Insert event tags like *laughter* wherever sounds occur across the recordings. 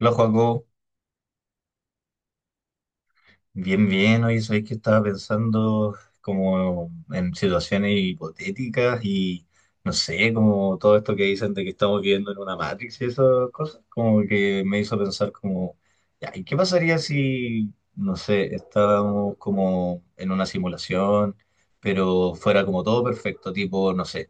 Hola Joaco, bien, bien. Oye, sabéis que estaba pensando como en situaciones hipotéticas y no sé, como todo esto que dicen de que estamos viviendo en una Matrix y esas cosas, como que me hizo pensar como, ya, ¿y qué pasaría si, no sé, estábamos como en una simulación, pero fuera como todo perfecto, tipo, no sé?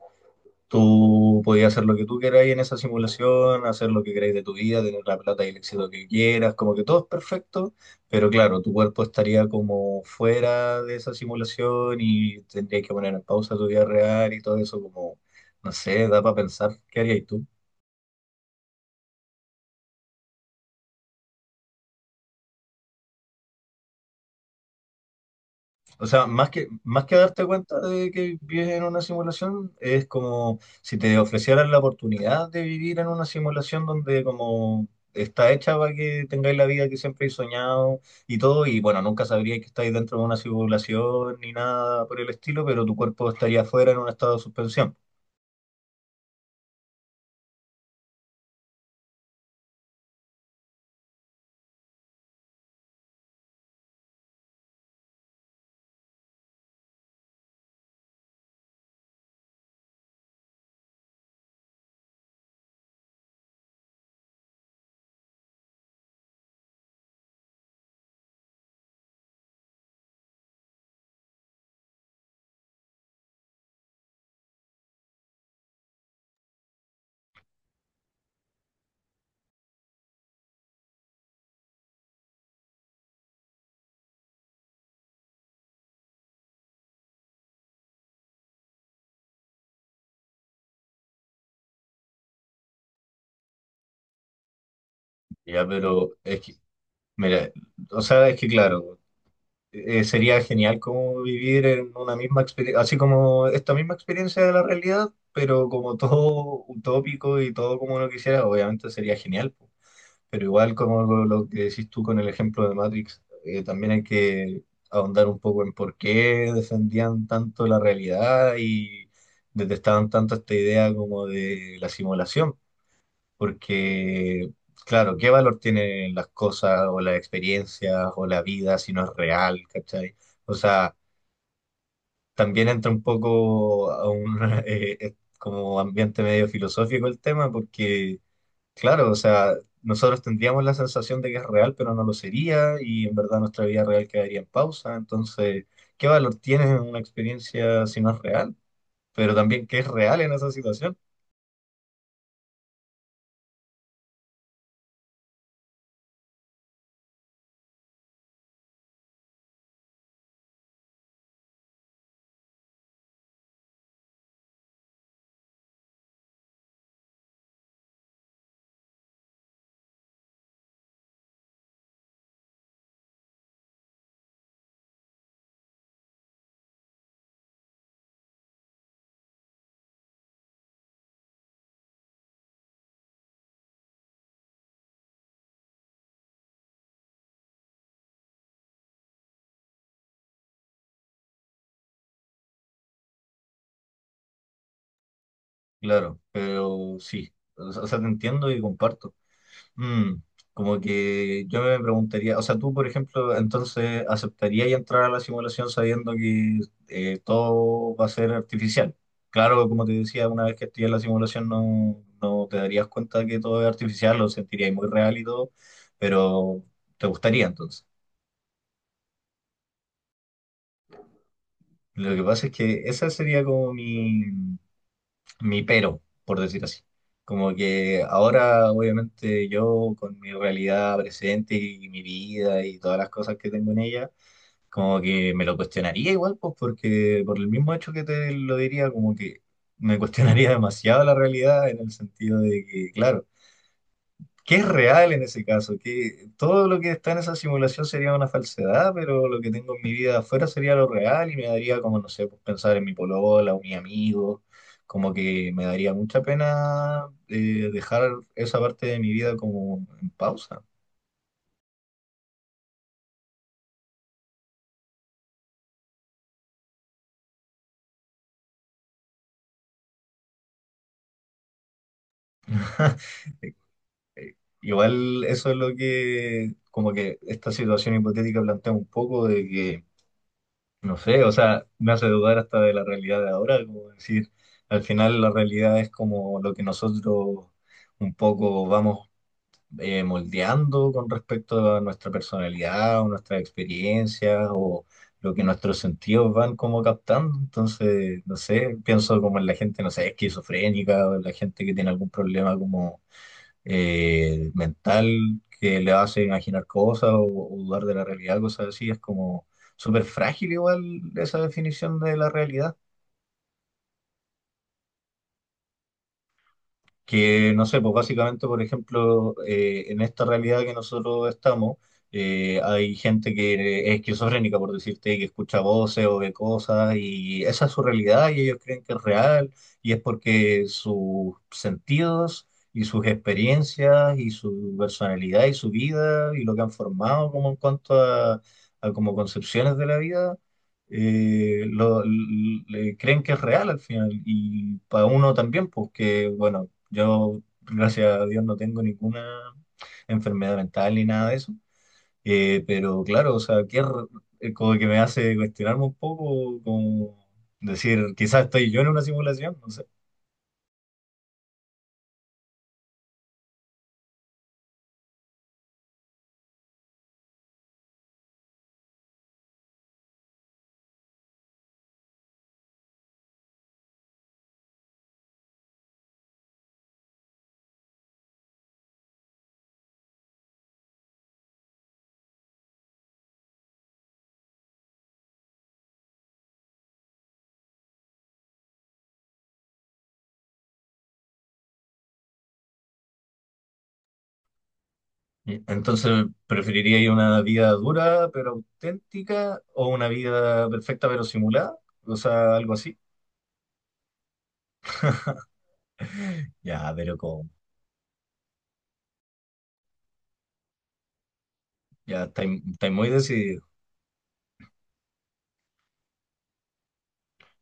Tú podías hacer lo que tú queráis en esa simulación, hacer lo que queráis de tu vida, tener la plata y el éxito que quieras, como que todo es perfecto, pero claro, tu cuerpo estaría como fuera de esa simulación y tendrías que poner en pausa tu vida real y todo eso, como, no sé, da para pensar. ¿Qué harías tú? O sea, más que darte cuenta de que vives en una simulación, es como si te ofrecieran la oportunidad de vivir en una simulación donde como está hecha para que tengáis la vida que siempre he soñado y todo, y bueno, nunca sabríais que estáis dentro de una simulación ni nada por el estilo, pero tu cuerpo estaría afuera en un estado de suspensión. Ya, pero es que, mira, o sea, es que claro. Sería genial como vivir en una misma experiencia, así como esta misma experiencia de la realidad, pero como todo utópico y todo como uno quisiera, obviamente sería genial. Po. Pero igual como lo que decís tú con el ejemplo de Matrix, también hay que ahondar un poco en por qué defendían tanto la realidad y detestaban tanto esta idea como de la simulación. Porque, claro, ¿qué valor tienen las cosas o las experiencias o la vida si no es real, ¿cachai? O sea, también entra un poco a un *laughs* como ambiente medio filosófico el tema, porque, claro, o sea, nosotros tendríamos la sensación de que es real, pero no lo sería, y en verdad nuestra vida real quedaría en pausa. Entonces, ¿qué valor tiene una experiencia si no es real? Pero también, ¿qué es real en esa situación? Claro, pero sí, o sea, te entiendo y comparto. Mm, como que yo me preguntaría, o sea, tú, por ejemplo, entonces aceptarías entrar a la simulación sabiendo que todo va a ser artificial. Claro, como te decía, una vez que estés en la simulación no, no te darías cuenta que todo es artificial, lo sentirías muy real y todo, pero te gustaría entonces. Lo que pasa es que esa sería como mi pero, por decir así. Como que ahora, obviamente, yo con mi realidad presente y mi vida y todas las cosas que tengo en ella, como que me lo cuestionaría igual, pues porque por el mismo hecho que te lo diría, como que me cuestionaría *laughs* demasiado la realidad en el sentido de que, claro, que es real en ese caso? Que todo lo que está en esa simulación sería una falsedad, pero lo que tengo en mi vida afuera sería lo real y me daría como, no sé, pues, pensar en mi polola o mi amigo, como que me daría mucha pena dejar esa parte de mi vida como en pausa. *laughs* Igual eso es lo que, como que esta situación hipotética plantea un poco de que no sé, o sea, me hace dudar hasta de la realidad de ahora, como decir, al final la realidad es como lo que nosotros un poco vamos moldeando con respecto a nuestra personalidad o nuestras experiencias o lo que nuestros sentidos van como captando. Entonces, no sé, pienso como en la gente, no sé, esquizofrénica o en la gente que tiene algún problema como mental que le hace imaginar cosas o dudar de la realidad, cosas así. Es como súper frágil igual esa definición de la realidad. Que no sé, pues básicamente, por ejemplo, en esta realidad que nosotros estamos, hay gente que es esquizofrénica, por decirte, que escucha voces o ve cosas y esa es su realidad y ellos creen que es real y es porque sus sentidos y sus experiencias y su personalidad y su vida y lo que han formado como en cuanto a como concepciones de la vida le creen que es real al final. Y para uno también, pues que, bueno, yo, gracias a Dios, no tengo ninguna enfermedad mental ni nada de eso. Pero claro, o sea, como que me hace cuestionarme un poco, como decir, quizás estoy yo en una simulación, no sé. Y entonces, ¿preferiría ir una vida dura pero auténtica o una vida perfecta pero simulada? O sea, algo así. Ya, pero como, ya estáis muy decididos.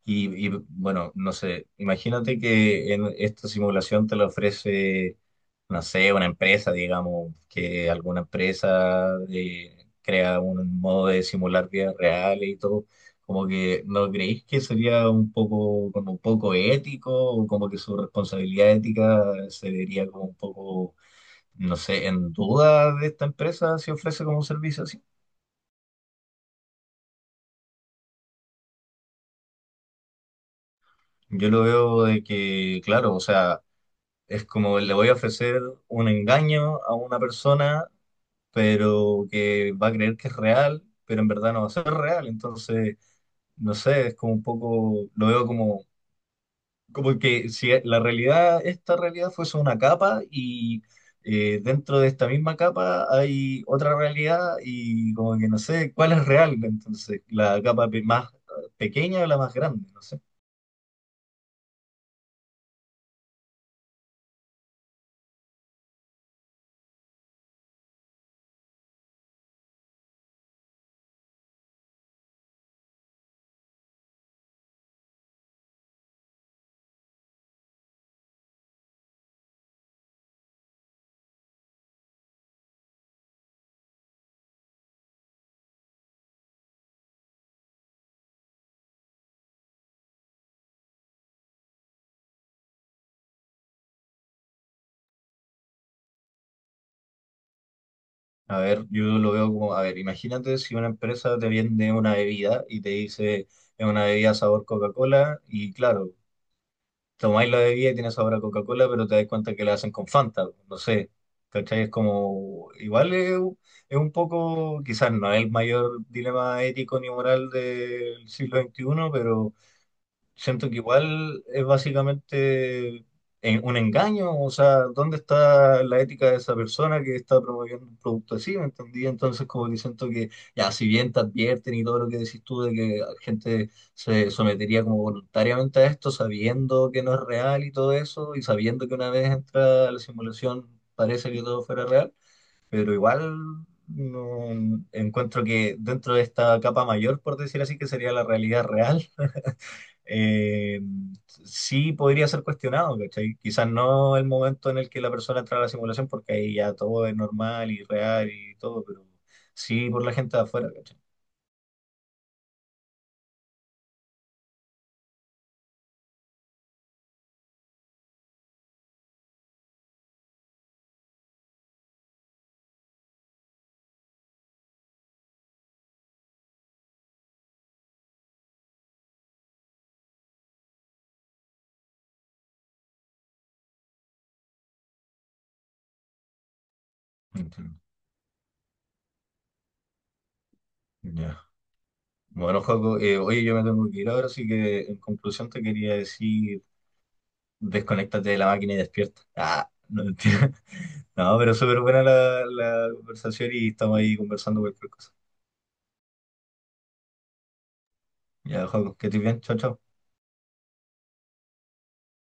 Y, bueno, no sé, imagínate que en esta simulación te la ofrece, no sé, una empresa, digamos, que alguna empresa crea un modo de simular vidas reales y todo, como que ¿no creéis que sería un poco, como un poco ético o como que su responsabilidad ética se vería como un poco, no sé, en duda de esta empresa si ofrece como un servicio así? Yo lo veo de que, claro, o sea, es como le voy a ofrecer un engaño a una persona, pero que va a creer que es real, pero en verdad no va a ser real. Entonces, no sé, es como un poco, lo veo como, como que si la realidad, esta realidad fuese una capa y dentro de esta misma capa hay otra realidad y como que no sé cuál es real. Entonces, la capa más pequeña o la más grande, no sé. A ver, yo lo veo como, a ver, imagínate si una empresa te vende una bebida y te dice, es una bebida sabor Coca-Cola, y claro, tomáis la bebida y tiene sabor a Coca-Cola, pero te das cuenta que la hacen con Fanta, no sé, ¿cachai? Es como, igual es un poco, quizás no es el mayor dilema ético ni moral del siglo XXI, pero siento que igual es básicamente un engaño, o sea, ¿dónde está la ética de esa persona que está promoviendo un producto así? ¿Me entendí? Entonces, como que siento que, ya, si bien te advierten y todo lo que decís tú de que gente se sometería como voluntariamente a esto, sabiendo que no es real y todo eso, y sabiendo que una vez entra a la simulación parece que todo fuera real, pero igual no encuentro que dentro de esta capa mayor, por decir así, que sería la realidad real eh, sí podría ser cuestionado, ¿cachai? Quizás no el momento en el que la persona entra a la simulación, porque ahí ya todo es normal y real y todo, pero sí por la gente de afuera, ¿cachai? Entiendo. Ya. Bueno, Joaco, oye, yo me tengo que ir ahora, así que en conclusión te quería decir, desconéctate de la máquina y despierta. Ah, no mentira. *laughs* No, pero súper buena la conversación y estamos ahí conversando cualquier cosa. Ya, Joaco, que estés bien, chao, chao.